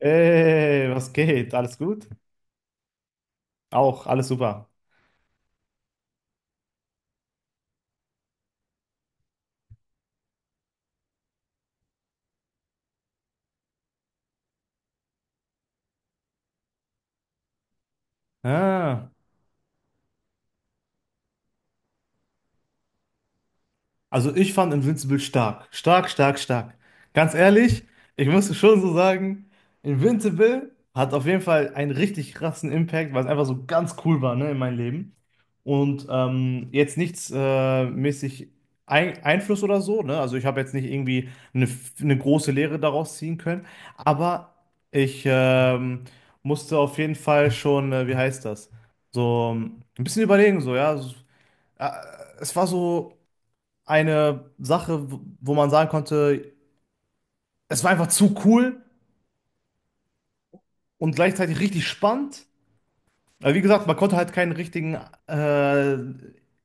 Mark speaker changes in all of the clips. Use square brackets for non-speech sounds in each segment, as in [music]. Speaker 1: Ey, was geht? Alles gut? Auch, alles super. Ah, Also ich fand Invincible stark. Stark, stark, stark. Ganz ehrlich, ich muss schon so sagen, Invincible hat auf jeden Fall einen richtig krassen Impact, weil es einfach so ganz cool war, ne, in meinem Leben. Und jetzt nichts mäßig ein Einfluss oder so, ne? Also ich habe jetzt nicht irgendwie eine große Lehre daraus ziehen können, aber ich musste auf jeden Fall schon, wie heißt das? So ein bisschen überlegen, so, ja. So, äh, es war so eine Sache, wo man sagen konnte, es war einfach zu cool und gleichzeitig richtig spannend. Aber wie gesagt, man konnte halt keinen richtigen äh,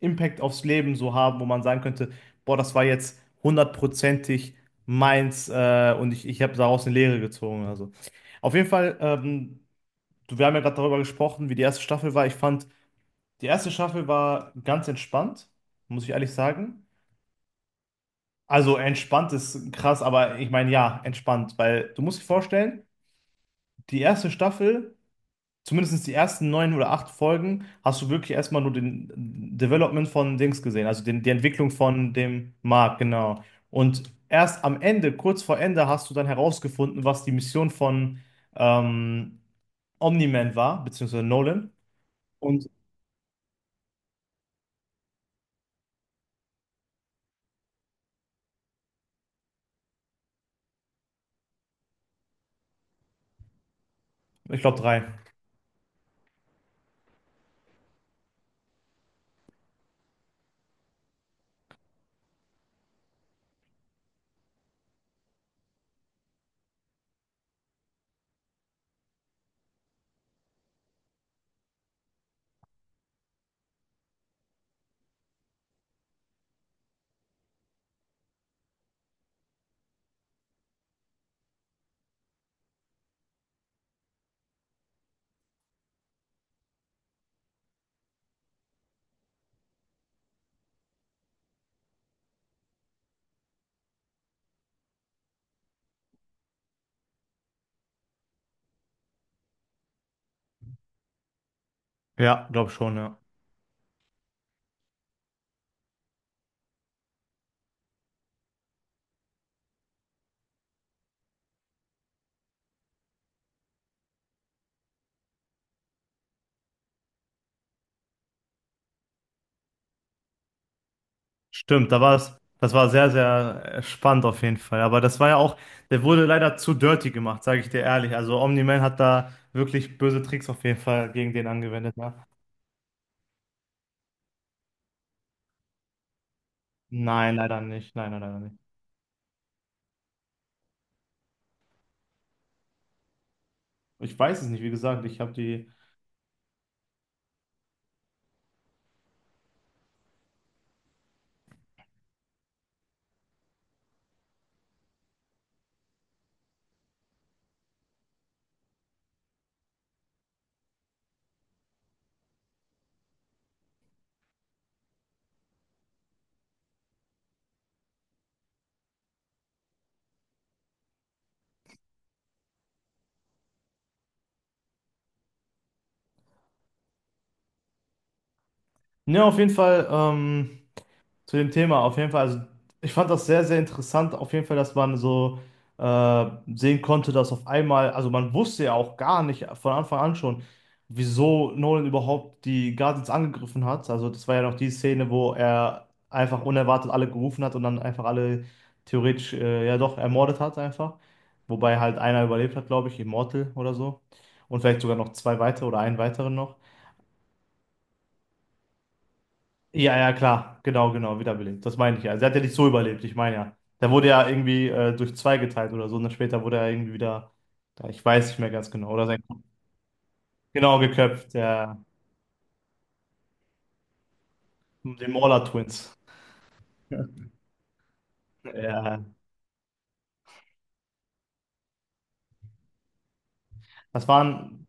Speaker 1: Impact aufs Leben so haben, wo man sagen könnte, boah, das war jetzt hundertprozentig meins und ich habe daraus eine Lehre gezogen. Also auf jeden Fall, wir haben ja gerade darüber gesprochen, wie die erste Staffel war. Ich fand, die erste Staffel war ganz entspannt, muss ich ehrlich sagen. Also entspannt ist krass, aber ich meine ja, entspannt, weil du musst dir vorstellen, die erste Staffel, zumindest die ersten neun oder acht Folgen, hast du wirklich erstmal nur den Development von Dings gesehen, also die Entwicklung von dem Mark, genau. Und erst am Ende, kurz vor Ende, hast du dann herausgefunden, was die Mission von ähm, Omni-Man war, beziehungsweise Nolan. Und ich glaube drei. Ja, glaube schon, ja. Stimmt, da war es, das war sehr, sehr spannend auf jeden Fall. Aber das war ja auch, der wurde leider zu dirty gemacht, sage ich dir ehrlich. Also Omni-Man hat da wirklich böse Tricks auf jeden Fall gegen den angewendet, ne? Nein, leider nicht. Nein, nein, leider nicht. Ich weiß es nicht, wie gesagt, ich habe die. Ne, auf jeden Fall, zu dem Thema, auf jeden Fall. Also ich fand das sehr, sehr interessant, auf jeden Fall, dass man so äh, sehen konnte, dass auf einmal, also man wusste ja auch gar nicht von Anfang an schon, wieso Nolan überhaupt die Guardians angegriffen hat. Also das war ja noch die Szene, wo er einfach unerwartet alle gerufen hat und dann einfach alle theoretisch, ja doch, ermordet hat einfach. Wobei halt einer überlebt hat, glaube ich, Immortal oder so. Und vielleicht sogar noch zwei weitere oder einen weiteren noch. Ja, ja, klar. Genau, genau, wiederbelebt. Das meine ich ja. Sie hat ja nicht so überlebt, ich meine ja. Der wurde ja irgendwie durch zwei geteilt oder so. Und dann später wurde er irgendwie wieder, da, ich weiß nicht mehr ganz genau, oder sein Kopf. Genau, geköpft, der, den Mauler Twins. [laughs] Ja. Das waren,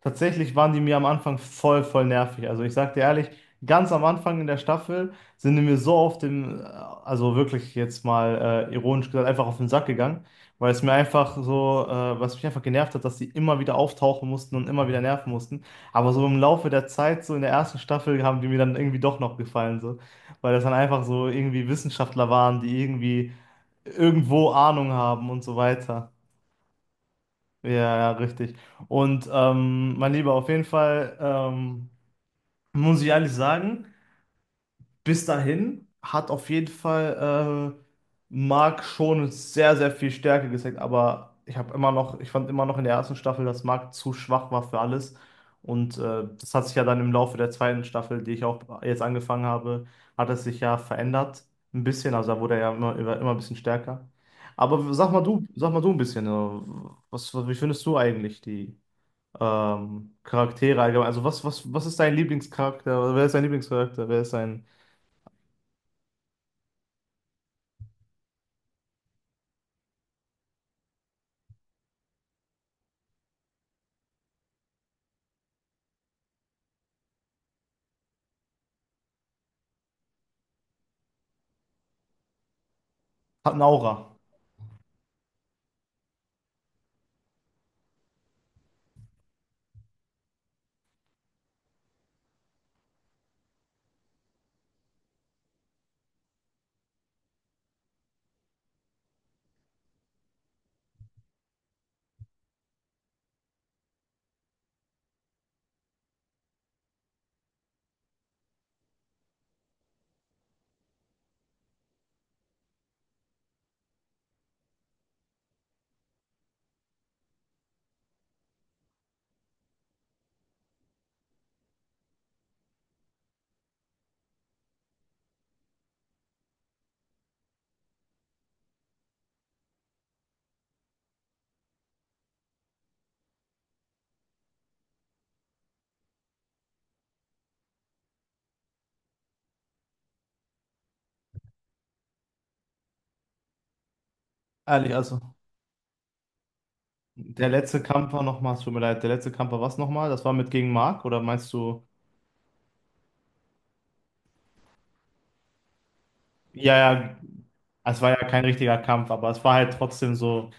Speaker 1: tatsächlich waren die mir am Anfang voll, voll nervig. Also ich sag dir ehrlich, ganz am Anfang in der Staffel sind die mir so auf den, also wirklich jetzt mal ironisch gesagt, einfach auf den Sack gegangen, weil es mir einfach so, was mich einfach genervt hat, dass die immer wieder auftauchen mussten und immer wieder nerven mussten. Aber so im Laufe der Zeit, so in der ersten Staffel, haben die mir dann irgendwie doch noch gefallen, so, weil das dann einfach so irgendwie Wissenschaftler waren, die irgendwie irgendwo Ahnung haben und so weiter. Ja, ja, richtig. Und mein Lieber, auf jeden Fall muss ich ehrlich sagen, bis dahin hat auf jeden Fall Mark schon sehr, sehr viel Stärke gezeigt. Aber ich habe immer noch, ich fand immer noch in der ersten Staffel, dass Mark zu schwach war für alles. Und das hat sich ja dann im Laufe der zweiten Staffel, die ich auch jetzt angefangen habe, hat es sich ja verändert. Ein bisschen, also da wurde er ja immer, immer, immer ein bisschen stärker. Aber sag mal du ein bisschen, was, wie findest du eigentlich die? Charaktere allgemein. Also was ist dein Lieblingscharakter? Wer ist dein Lieblingscharakter? Wer ist dein... Hat eine Aura. Ehrlich, also. Der letzte Kampf war nochmal, es tut mir leid, der letzte Kampf war was nochmal? Das war mit gegen Mark oder meinst du? Ja, ja, es war ja kein richtiger Kampf, aber es war halt trotzdem so.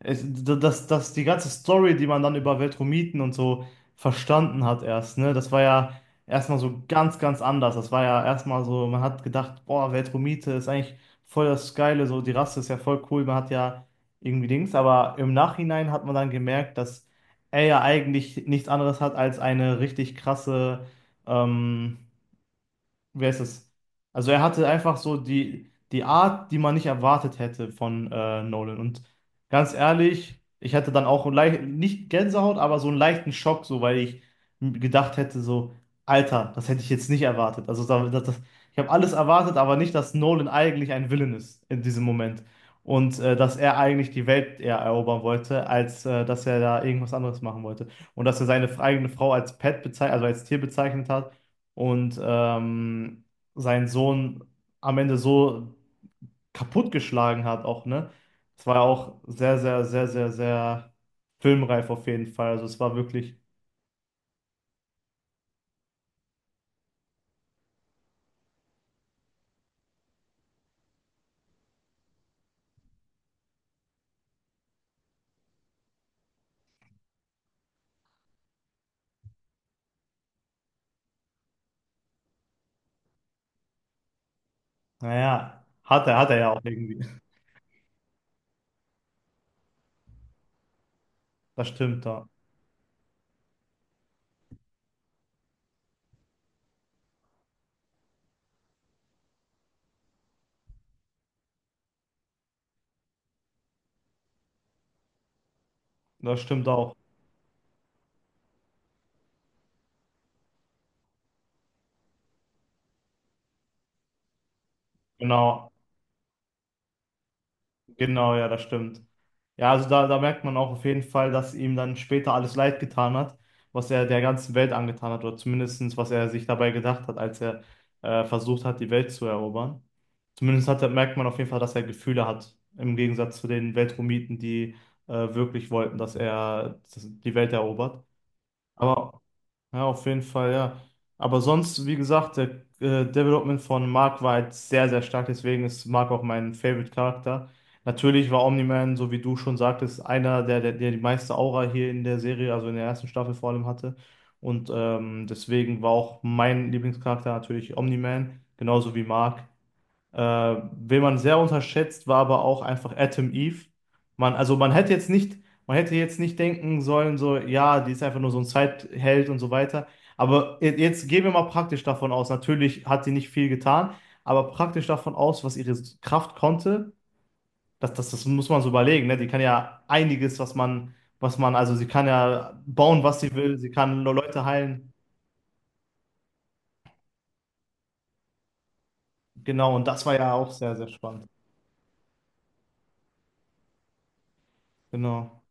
Speaker 1: Die ganze Story, die man dann über Veltromiten und so verstanden hat erst, ne? Das war ja erstmal so ganz, ganz anders. Das war ja erstmal so, man hat gedacht, boah, Veltromite ist eigentlich voll das Geile, so die Rasse ist ja voll cool, man hat ja irgendwie Dings, aber im Nachhinein hat man dann gemerkt, dass er ja eigentlich nichts anderes hat als eine richtig krasse, ähm, wer ist es? Also er hatte einfach so die Art, die man nicht erwartet hätte von Nolan. Und ganz ehrlich, ich hatte dann auch leicht, nicht Gänsehaut, aber so einen leichten Schock, so weil ich gedacht hätte, so, Alter, das hätte ich jetzt nicht erwartet. Also ich habe alles erwartet, aber nicht, dass Nolan eigentlich ein Villain ist in diesem Moment. Und dass er eigentlich die Welt eher erobern wollte, als dass er da irgendwas anderes machen wollte. Und dass er seine eigene Frau als Pet bezeichnet, also als Tier bezeichnet hat und seinen Sohn am Ende so kaputtgeschlagen hat auch, ne? Es war auch sehr, sehr, sehr, sehr, sehr filmreif auf jeden Fall. Also es war wirklich, naja, hat er ja auch irgendwie. Das stimmt, ja. Das stimmt auch. Genau. Genau, ja, das stimmt. Ja, also da, da merkt man auch auf jeden Fall, dass ihm dann später alles leid getan hat, was er der ganzen Welt angetan hat, oder zumindestens was er sich dabei gedacht hat, als er versucht hat, die Welt zu erobern. Zumindest hat, er- merkt man auf jeden Fall, dass er Gefühle hat, im Gegensatz zu den Weltromiten, die wirklich wollten, dass er dass die Welt erobert. Aber ja, auf jeden Fall, ja. Aber sonst, wie gesagt, der Development von Mark war halt sehr, sehr stark. Deswegen ist Mark auch mein Favorite-Charakter. Natürlich war Omni-Man, so wie du schon sagtest, einer, der die meiste Aura hier in der Serie, also in der ersten Staffel vor allem hatte. Und deswegen war auch mein Lieblingscharakter natürlich Omni-Man, genauso wie Mark. Wen man sehr unterschätzt, war aber auch einfach Adam Eve. Also man hätte jetzt nicht, man hätte jetzt nicht denken sollen, so, ja, die ist einfach nur so ein Zeitheld und so weiter. Aber jetzt gehen wir mal praktisch davon aus. Natürlich hat sie nicht viel getan, aber praktisch davon aus, was ihre Kraft konnte, das muss man so überlegen, ne? Die kann ja einiges, was man, also sie kann ja bauen, was sie will, sie kann Leute heilen. Genau, und das war ja auch sehr, sehr spannend. Genau.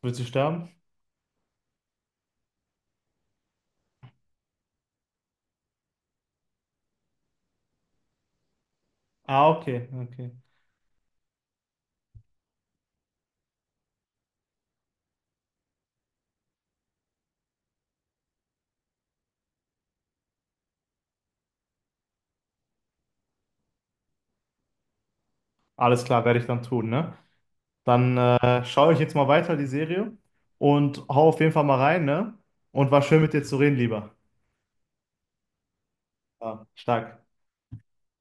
Speaker 1: Wird sie sterben? Ah, okay, okay. Alles klar, werde ich dann tun, ne? Dann schaue ich jetzt mal weiter die Serie und hau auf jeden Fall mal rein, ne? Und war schön mit dir zu reden, lieber. Ja, stark.